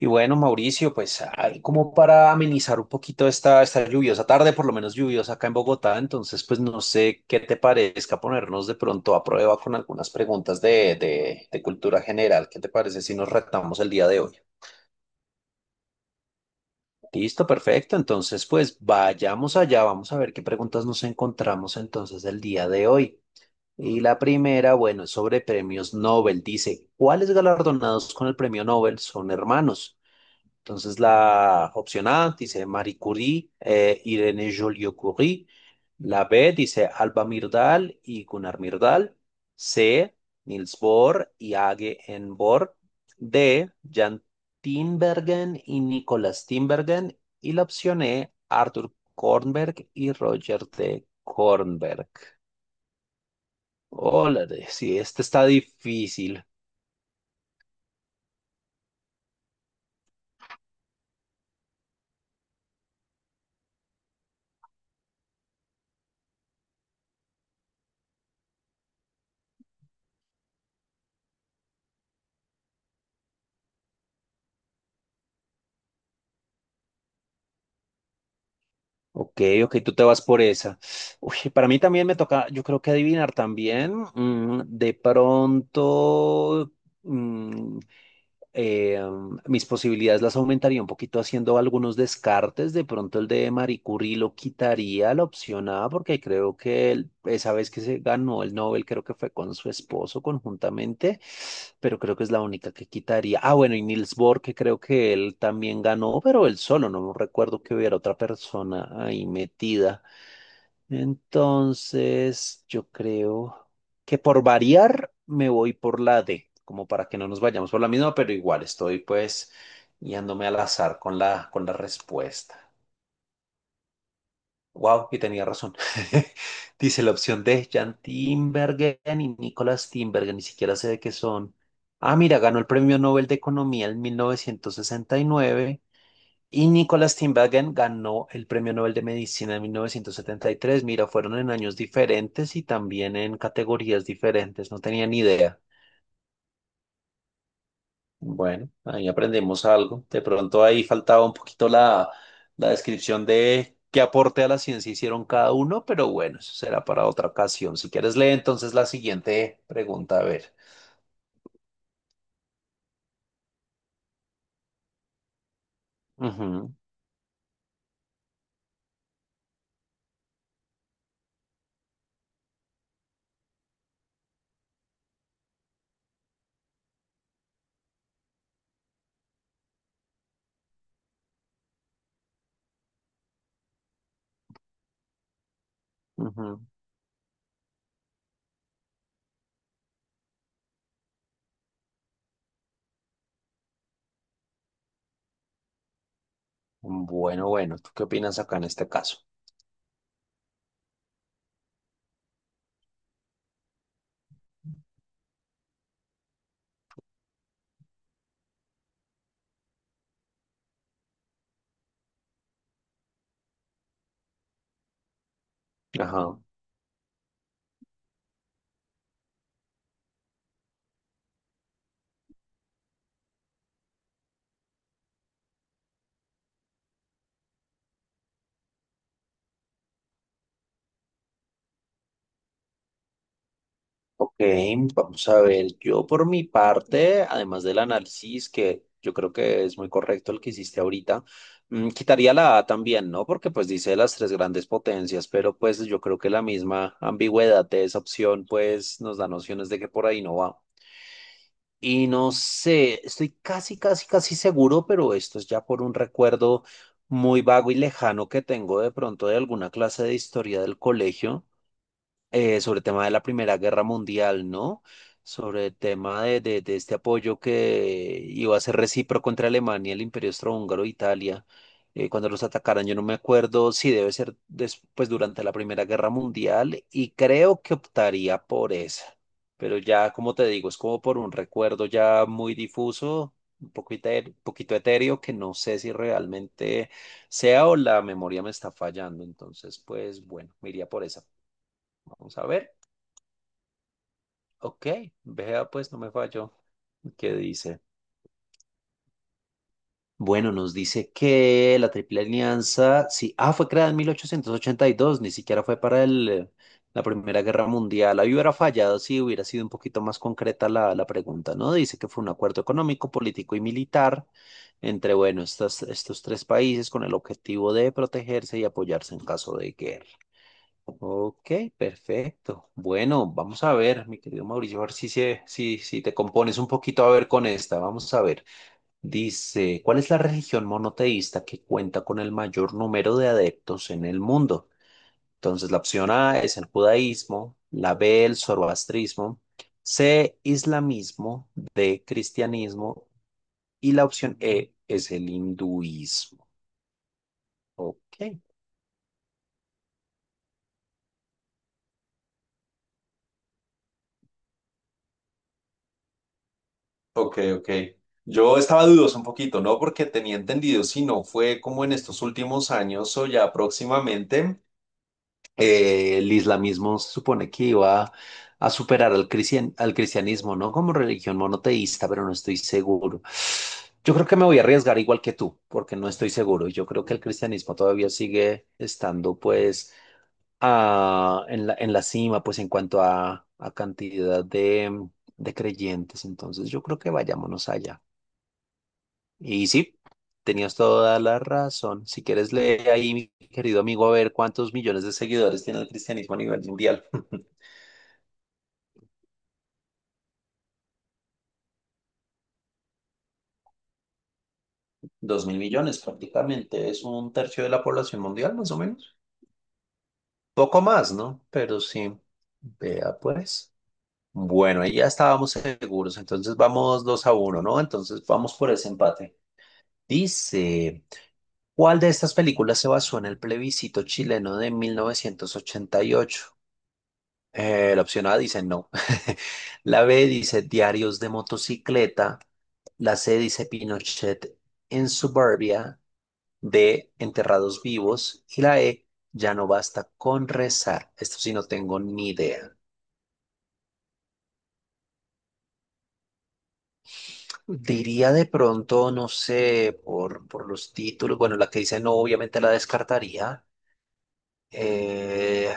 Y bueno, Mauricio, pues ahí como para amenizar un poquito esta lluviosa tarde, por lo menos lluviosa acá en Bogotá, entonces pues no sé qué te parezca ponernos de pronto a prueba con algunas preguntas de cultura general. ¿Qué te parece si nos retamos el día de hoy? Listo, perfecto. Entonces pues vayamos allá, vamos a ver qué preguntas nos encontramos entonces el día de hoy. Y la primera, bueno, es sobre premios Nobel. Dice, ¿cuáles galardonados con el premio Nobel son hermanos? Entonces, la opción A dice Marie Curie, Irene Joliot-Curie. La B dice Alba Myrdal y Gunnar Myrdal. C, Niels Bohr y Age N. Bohr. D, Jan Tinbergen y Nicolas Tinbergen. Y la opción E, Arthur Kornberg y Roger de Kornberg. Hola, sí, este está difícil. Ok, ok, tú te vas por esa. Uy, para mí también me toca, yo creo que adivinar también. De pronto, mm, eh, mis posibilidades las aumentaría un poquito haciendo algunos descartes. De pronto el de Marie Curie lo quitaría a la opción A, porque creo que esa vez que se ganó el Nobel, creo que fue con su esposo conjuntamente, pero creo que es la única que quitaría. Ah, bueno, y Niels Bohr, que creo que él también ganó, pero él solo, no recuerdo que hubiera otra persona ahí metida. Entonces, yo creo que por variar me voy por la D, como para que no nos vayamos por la misma, pero igual estoy pues guiándome al azar con la respuesta. Wow, y tenía razón. Dice la opción D, Jan Timbergen y Nicolás Timbergen, ni siquiera sé de qué son. Ah, mira, ganó el Premio Nobel de Economía en 1969 y Nicholas Tinbergen ganó el Premio Nobel de Medicina en 1973. Mira, fueron en años diferentes y también en categorías diferentes. No tenía ni idea. Bueno, ahí aprendemos algo. De pronto ahí faltaba un poquito la descripción de qué aporte a la ciencia hicieron cada uno, pero bueno, eso será para otra ocasión. Si quieres, lee entonces la siguiente pregunta. A ver. Ujú, ujú. Bueno, bueno, ¿tú qué opinas acá en este caso? Ajá. Ok, vamos a ver, yo por mi parte, además del análisis, que yo creo que es muy correcto el que hiciste ahorita, quitaría la A también, ¿no? Porque pues dice las tres grandes potencias, pero pues yo creo que la misma ambigüedad de esa opción pues nos da nociones de que por ahí no va. Y no sé, estoy casi, casi, casi seguro, pero esto es ya por un recuerdo muy vago y lejano que tengo de pronto de alguna clase de historia del colegio sobre el tema de la Primera Guerra Mundial, ¿no? Sobre el tema de, de este apoyo que iba a ser recíproco entre Alemania, el Imperio Austrohúngaro, e Italia, cuando los atacaran. Yo no me acuerdo si debe ser después durante la Primera Guerra Mundial y creo que optaría por esa. Pero ya, como te digo, es como por un recuerdo ya muy difuso, un poco un poquito etéreo, que no sé si realmente sea o la memoria me está fallando. Entonces, pues bueno, me iría por esa. Vamos a ver. Ok, vea pues, no me falló. ¿Qué dice? Bueno, nos dice que la Triple Alianza, sí, ah, fue creada en 1882. Ni siquiera fue para el, la Primera Guerra Mundial. Ahí hubiera fallado si hubiera sido un poquito más concreta la pregunta, ¿no? Dice que fue un acuerdo económico, político y militar entre, bueno, estos tres países con el objetivo de protegerse y apoyarse en caso de guerra. Ok, perfecto. Bueno, vamos a ver, mi querido Mauricio, a ver si te compones un poquito a ver con esta. Vamos a ver. Dice, ¿cuál es la religión monoteísta que cuenta con el mayor número de adeptos en el mundo? Entonces, la opción A es el judaísmo, la B el zoroastrismo, C islamismo, D cristianismo y la opción E es el hinduismo. Ok. Ok, ok. Yo estaba dudoso un poquito, ¿no? Porque tenía entendido, si no fue como en estos últimos años o ya próximamente, el islamismo se supone que iba a superar al al cristianismo, ¿no? Como religión monoteísta, pero no estoy seguro. Yo creo que me voy a arriesgar igual que tú, porque no estoy seguro. Yo creo que el cristianismo todavía sigue estando, pues, en en la cima, pues, en cuanto a cantidad de creyentes. Entonces, yo creo que vayámonos allá. Y sí, tenías toda la razón. Si quieres, lee ahí, mi querido amigo, a ver cuántos millones de seguidores tiene el cristianismo a nivel mundial. 2.000 millones prácticamente, es un tercio de la población mundial, más o menos. Poco más, ¿no? Pero sí, vea pues. Bueno, ahí ya estábamos seguros, entonces vamos dos a uno, ¿no? Entonces vamos por ese empate. Dice, ¿cuál de estas películas se basó en el plebiscito chileno de 1988? La opción A dice no. La B dice diarios de motocicleta. La C dice Pinochet en suburbia. D, enterrados vivos. Y la E, ya no basta con rezar. Esto sí no tengo ni idea. Diría de pronto, no sé, por los títulos. Bueno, la que dice no, obviamente la descartaría. Eh,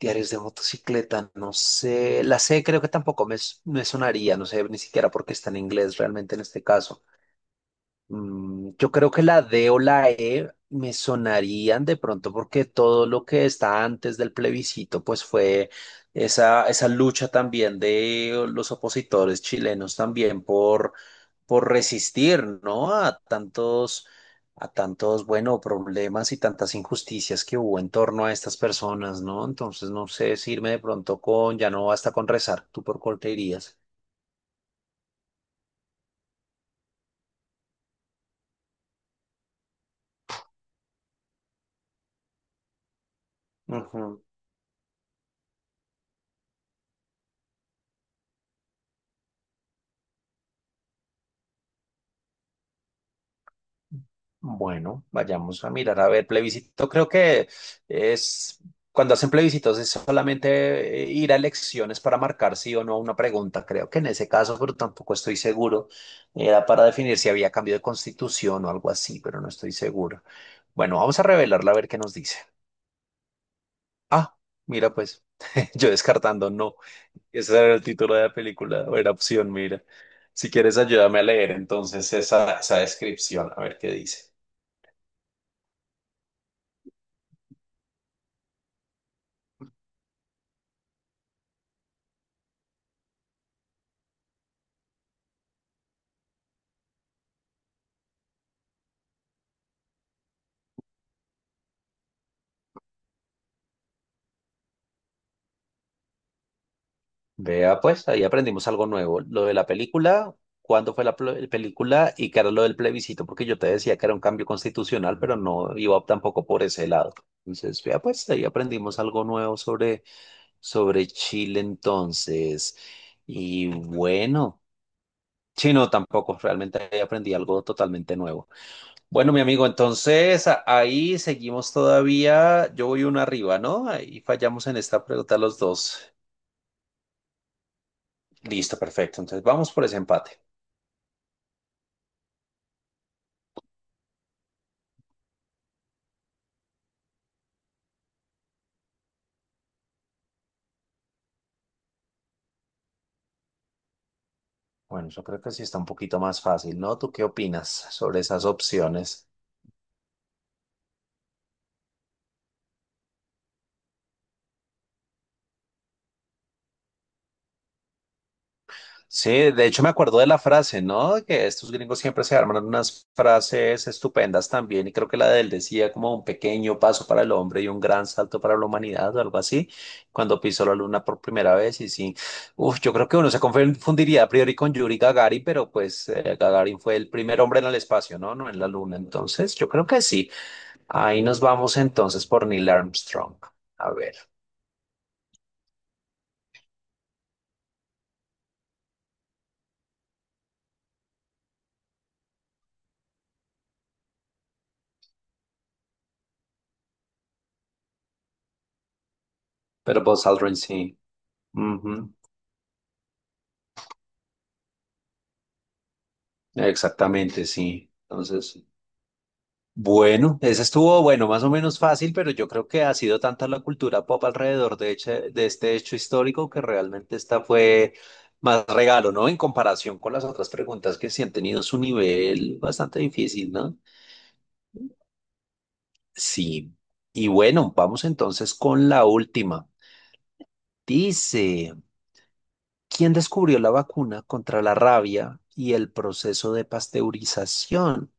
Diarios de motocicleta, no sé. La C creo que tampoco me, me sonaría, no sé ni siquiera porque está en inglés realmente en este caso. Yo creo que la D o la E me sonarían de pronto porque todo lo que está antes del plebiscito, pues fue esa lucha también de los opositores chilenos también por resistir, ¿no? A tantos, bueno, problemas y tantas injusticias que hubo en torno a estas personas, ¿no? Entonces, no sé si irme de pronto con, ya no basta con rezar, ¿tú por cuál te irías? Ujú. Bueno, vayamos a mirar, a ver, plebiscito. Creo que es cuando hacen plebiscitos es solamente ir a elecciones para marcar sí o no a una pregunta. Creo que en ese caso, pero tampoco estoy seguro. Era para definir si había cambio de constitución o algo así, pero no estoy seguro. Bueno, vamos a revelarla a ver qué nos dice. Ah, mira, pues yo descartando no. Ese era el título de la película, o era opción, mira. Si quieres, ayúdame a leer entonces esa descripción, a ver qué dice. Vea, pues ahí aprendimos algo nuevo. Lo de la película, cuándo fue la película y qué era lo del plebiscito, porque yo te decía que era un cambio constitucional, pero no iba tampoco por ese lado. Entonces, vea, pues ahí aprendimos algo nuevo sobre Chile entonces. Y bueno, sí, no, tampoco, realmente ahí aprendí algo totalmente nuevo. Bueno, mi amigo, entonces ahí seguimos todavía. Yo voy uno arriba, ¿no? Ahí fallamos en esta pregunta los dos. Listo, perfecto. Entonces vamos por ese empate. Bueno, yo creo que sí está un poquito más fácil, ¿no? ¿Tú qué opinas sobre esas opciones? Sí, de hecho me acuerdo de la frase, ¿no? Que estos gringos siempre se arman unas frases estupendas también, y creo que la de él decía como un pequeño paso para el hombre y un gran salto para la humanidad o algo así, cuando pisó la luna por primera vez, y sí, uf, yo creo que uno se confundiría a priori con Yuri Gagarin, pero pues Gagarin fue el primer hombre en el espacio, ¿no? No en la luna, entonces yo creo que sí. Ahí nos vamos entonces por Neil Armstrong. A ver. Pero Buzz Aldrin sí. Ujú, exactamente, sí. Entonces, bueno, ese estuvo, bueno, más o menos fácil, pero yo creo que ha sido tanta la cultura pop alrededor de, de este hecho histórico que realmente esta fue más regalo, ¿no? En comparación con las otras preguntas que sí han tenido su nivel bastante difícil, ¿no? Sí. Y bueno, vamos entonces con la última. Dice, ¿quién descubrió la vacuna contra la rabia y el proceso de pasteurización?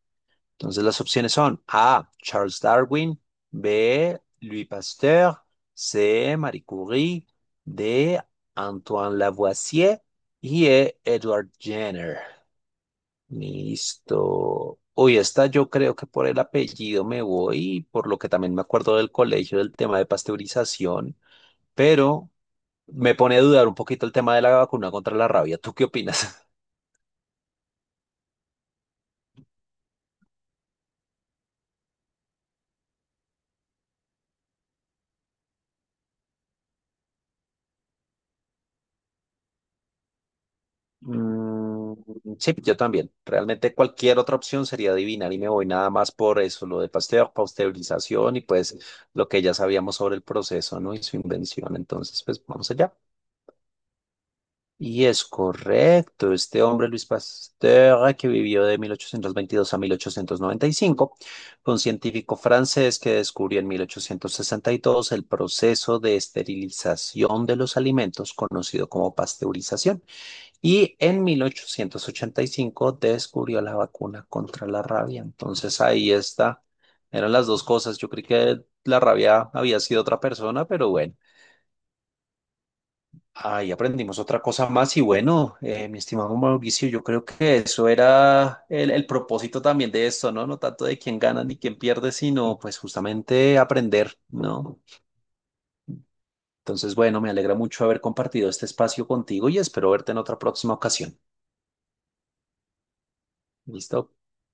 Entonces las opciones son A, Charles Darwin, B, Louis Pasteur, C, Marie Curie, D, Antoine Lavoisier y E, Edward Jenner. Listo. Uy, esta yo creo que por el apellido me voy, por lo que también me acuerdo del colegio del tema de pasteurización, pero me pone a dudar un poquito el tema de la vacuna contra la rabia. ¿Tú qué opinas? Mm, sí, yo también. Realmente cualquier otra opción sería adivinar y me voy nada más por eso, lo de Pasteur, pasteurización y pues lo que ya sabíamos sobre el proceso, ¿no? Y su invención. Entonces, pues vamos allá. Y es correcto, este hombre Luis Pasteur, que vivió de 1822 a 1895 fue un científico francés que descubrió en 1862 el proceso de esterilización de los alimentos, conocido como pasteurización, y en 1885 descubrió la vacuna contra la rabia. Entonces ahí está, eran las dos cosas. Yo creí que la rabia había sido otra persona, pero bueno. Ahí aprendimos otra cosa más y bueno, mi estimado Mauricio, yo creo que eso era el propósito también de esto, ¿no? No tanto de quién gana ni quién pierde, sino pues justamente aprender, ¿no? Entonces, bueno, me alegra mucho haber compartido este espacio contigo y espero verte en otra próxima ocasión. ¿Listo?